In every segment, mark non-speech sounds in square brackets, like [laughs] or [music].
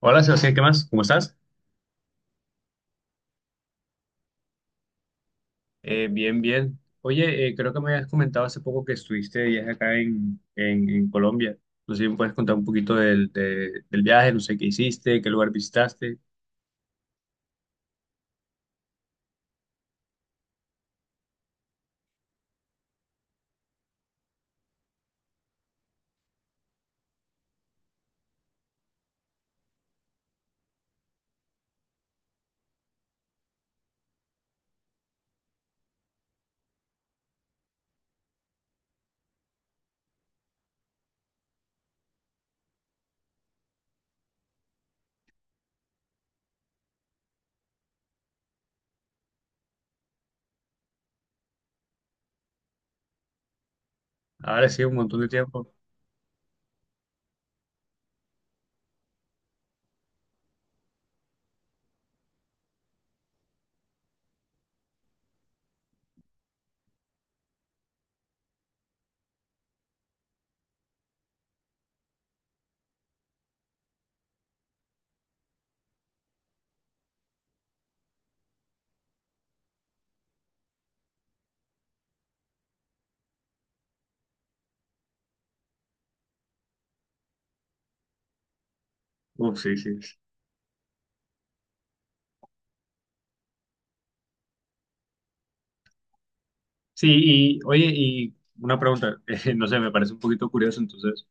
Hola Sebastián, ¿qué más? ¿Cómo estás? Bien, bien. Oye, creo que me habías comentado hace poco que estuviste de viaje acá en Colombia. No sé si me puedes contar un poquito del viaje, no sé qué hiciste, qué lugar visitaste. Ahora sí, un montón de tiempo. Uf, sí, sí. Sí, y oye, y una pregunta, [laughs] no sé, me parece un poquito curioso, entonces,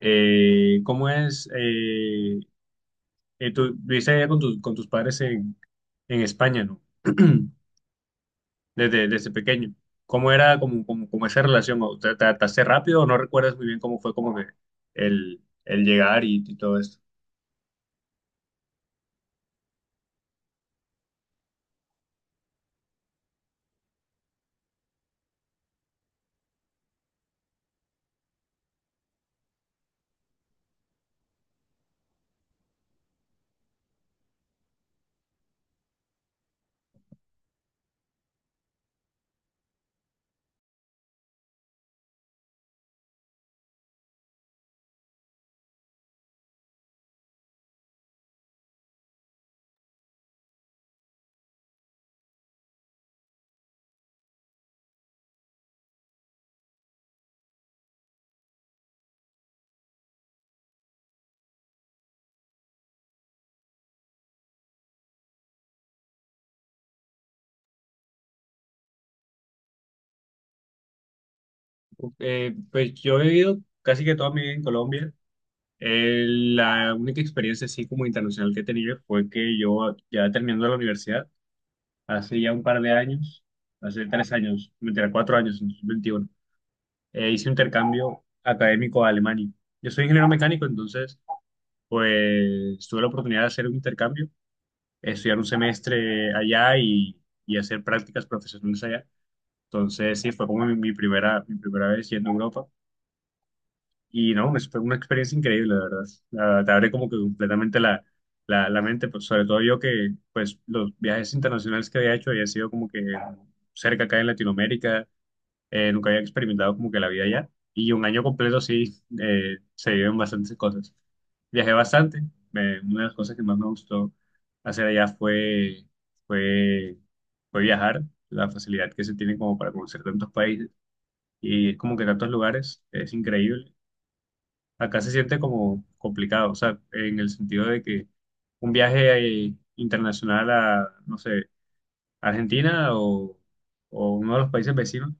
¿Cómo es? Tú viviste allá con tus padres en España, ¿no? [clears throat] desde, desde pequeño. ¿Cómo era como esa relación? ¿O ¿Te te adaptaste rápido o no recuerdas muy bien cómo fue como que el llegar y todo esto? Pues yo he vivido casi que toda mi vida en Colombia. La única experiencia así como internacional que he tenido fue que yo ya terminando la universidad, hace ya un par de años, hace tres años, mentira, cuatro años, en 2021, hice un intercambio académico a Alemania. Yo soy ingeniero mecánico, entonces pues tuve la oportunidad de hacer un intercambio estudiar un semestre allá y hacer prácticas profesionales allá. Entonces, sí, fue como mi primera vez yendo a Europa. Y no, fue una experiencia increíble, la verdad. Te abre como que completamente la mente, pues, sobre todo yo que pues los viajes internacionales que había hecho había sido como que cerca acá en Latinoamérica, nunca había experimentado como que la vida allá. Y un año completo sí, se viven bastantes cosas. Viajé bastante. Una de las cosas que más me gustó hacer allá fue, fue viajar. La facilidad que se tiene como para conocer tantos países y como que tantos lugares es increíble. Acá se siente como complicado, o sea, en el sentido de que un viaje internacional a, no sé, Argentina o uno de los países vecinos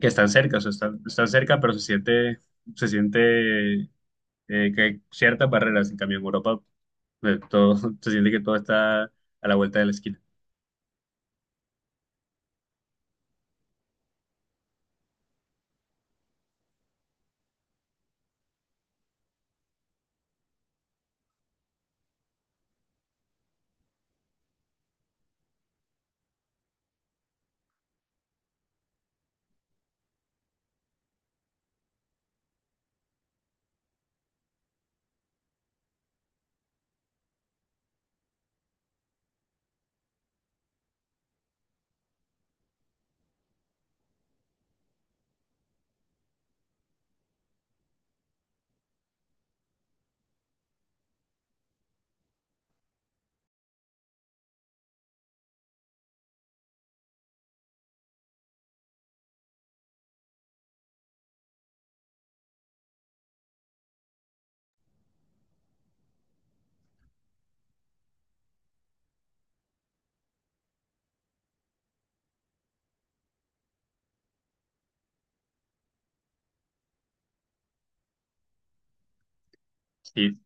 que están cerca, o sea, están, están cerca, pero se siente que hay ciertas barreras. En cambio, en Europa, todo, [laughs] se siente que todo está a la vuelta de la esquina. Sí,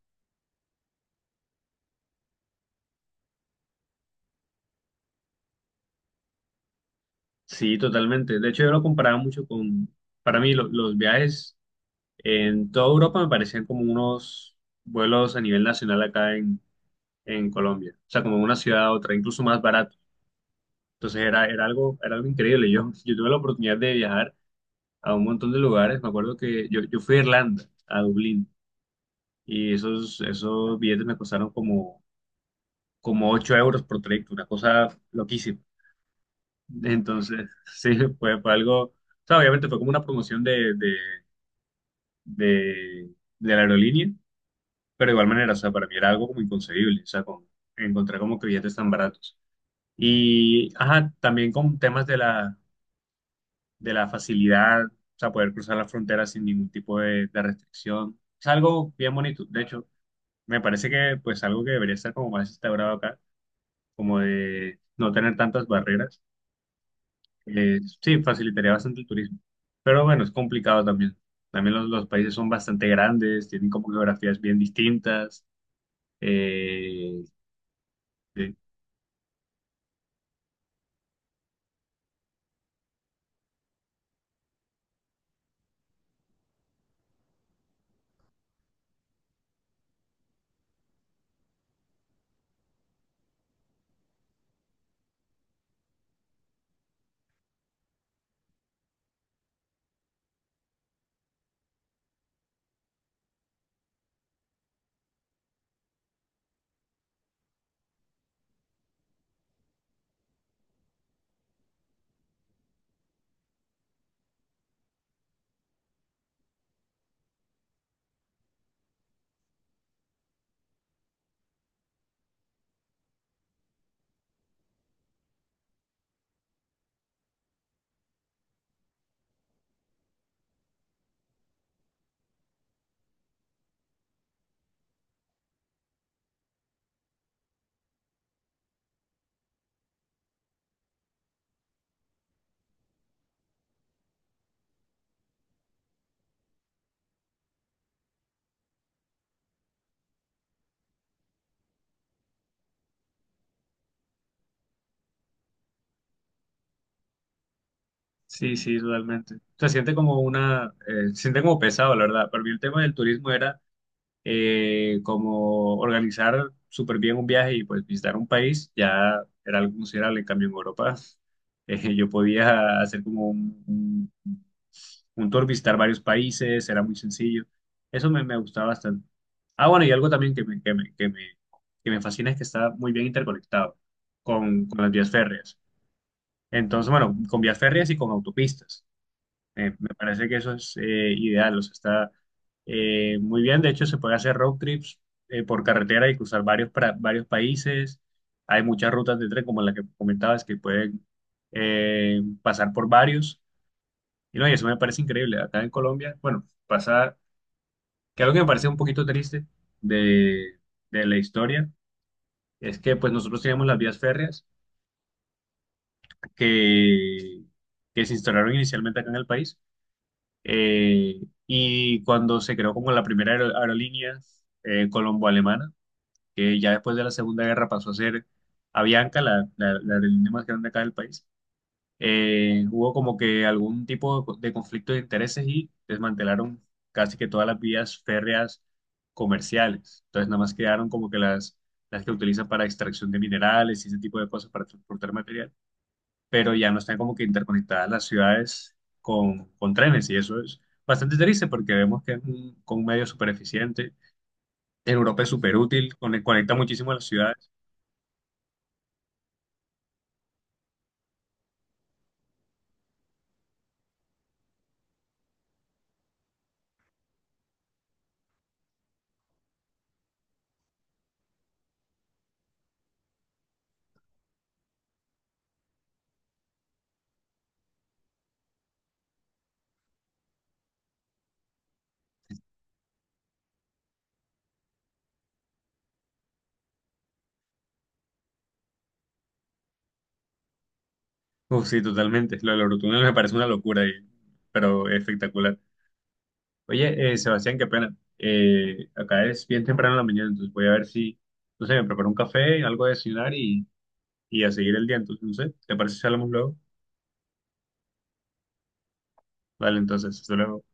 sí, totalmente. De hecho, yo lo comparaba mucho con, para mí, los viajes en toda Europa me parecían como unos vuelos a nivel nacional acá en Colombia. O sea, como una ciudad a otra, incluso más barato. Entonces era algo increíble. Yo tuve la oportunidad de viajar a un montón de lugares. Me acuerdo que yo fui a Irlanda, a Dublín. Y esos, esos billetes me costaron como, como 8 euros por trayecto, una cosa loquísima. Entonces, [laughs] sí, fue algo, o sea, obviamente fue como una promoción de, de la aerolínea, pero de igual manera, o sea, para mí era algo como inconcebible, o sea, con, encontrar como que billetes tan baratos. Y, ajá, también con temas de la facilidad, o sea, poder cruzar la frontera sin ningún tipo de restricción. Es algo bien bonito, de hecho, me parece que pues algo que debería estar como más instaurado acá como de no tener tantas barreras. Sí, facilitaría bastante el turismo. Pero bueno, es complicado también. También los países son bastante grandes, tienen como geografías bien distintas. Eh, sí, sí, sí, totalmente. Se siente como una, se siente como pesado, la verdad. Para mí el tema del turismo era como organizar súper bien un viaje y pues visitar un país, ya era algo considerable. En cambio, en Europa, [laughs] yo podía hacer como un tour, visitar varios países, era muy sencillo. Eso me, me gustaba bastante. Ah, bueno, y algo también que me fascina es que está muy bien interconectado con las vías férreas. Entonces, bueno, con vías férreas y con autopistas. Me parece que eso es ideal, o sea, está muy bien. De hecho, se puede hacer road trips por carretera y cruzar varios, varios países. Hay muchas rutas de tren, como la que comentabas, que pueden pasar por varios. Y no, y eso me parece increíble. Acá en Colombia, bueno, pasa que algo que me parece un poquito triste de, de la historia es que pues nosotros teníamos las vías férreas que, que se instauraron inicialmente acá en el país, y cuando se creó como la primera aerolínea colombo-alemana, que ya después de la Segunda Guerra pasó a ser Avianca, la aerolínea más grande acá del país, hubo como que algún tipo de de conflicto de intereses y desmantelaron casi que todas las vías férreas comerciales. Entonces nada más quedaron como que las que utilizan para extracción de minerales y ese tipo de cosas para transportar material, pero ya no están como que interconectadas las ciudades con trenes y eso es bastante triste porque vemos que es un, con un medio súper eficiente. En Europa es súper útil, conecta muchísimo a las ciudades. Uf, sí, totalmente. Lo del Eurotúnel me parece una locura, pero espectacular. Oye, Sebastián, qué pena. Acá es bien temprano en la mañana, entonces voy a ver si, no sé, me preparo un café, algo de desayunar y a seguir el día. Entonces, no sé, ¿te parece si hablamos luego? Vale, entonces, hasta luego.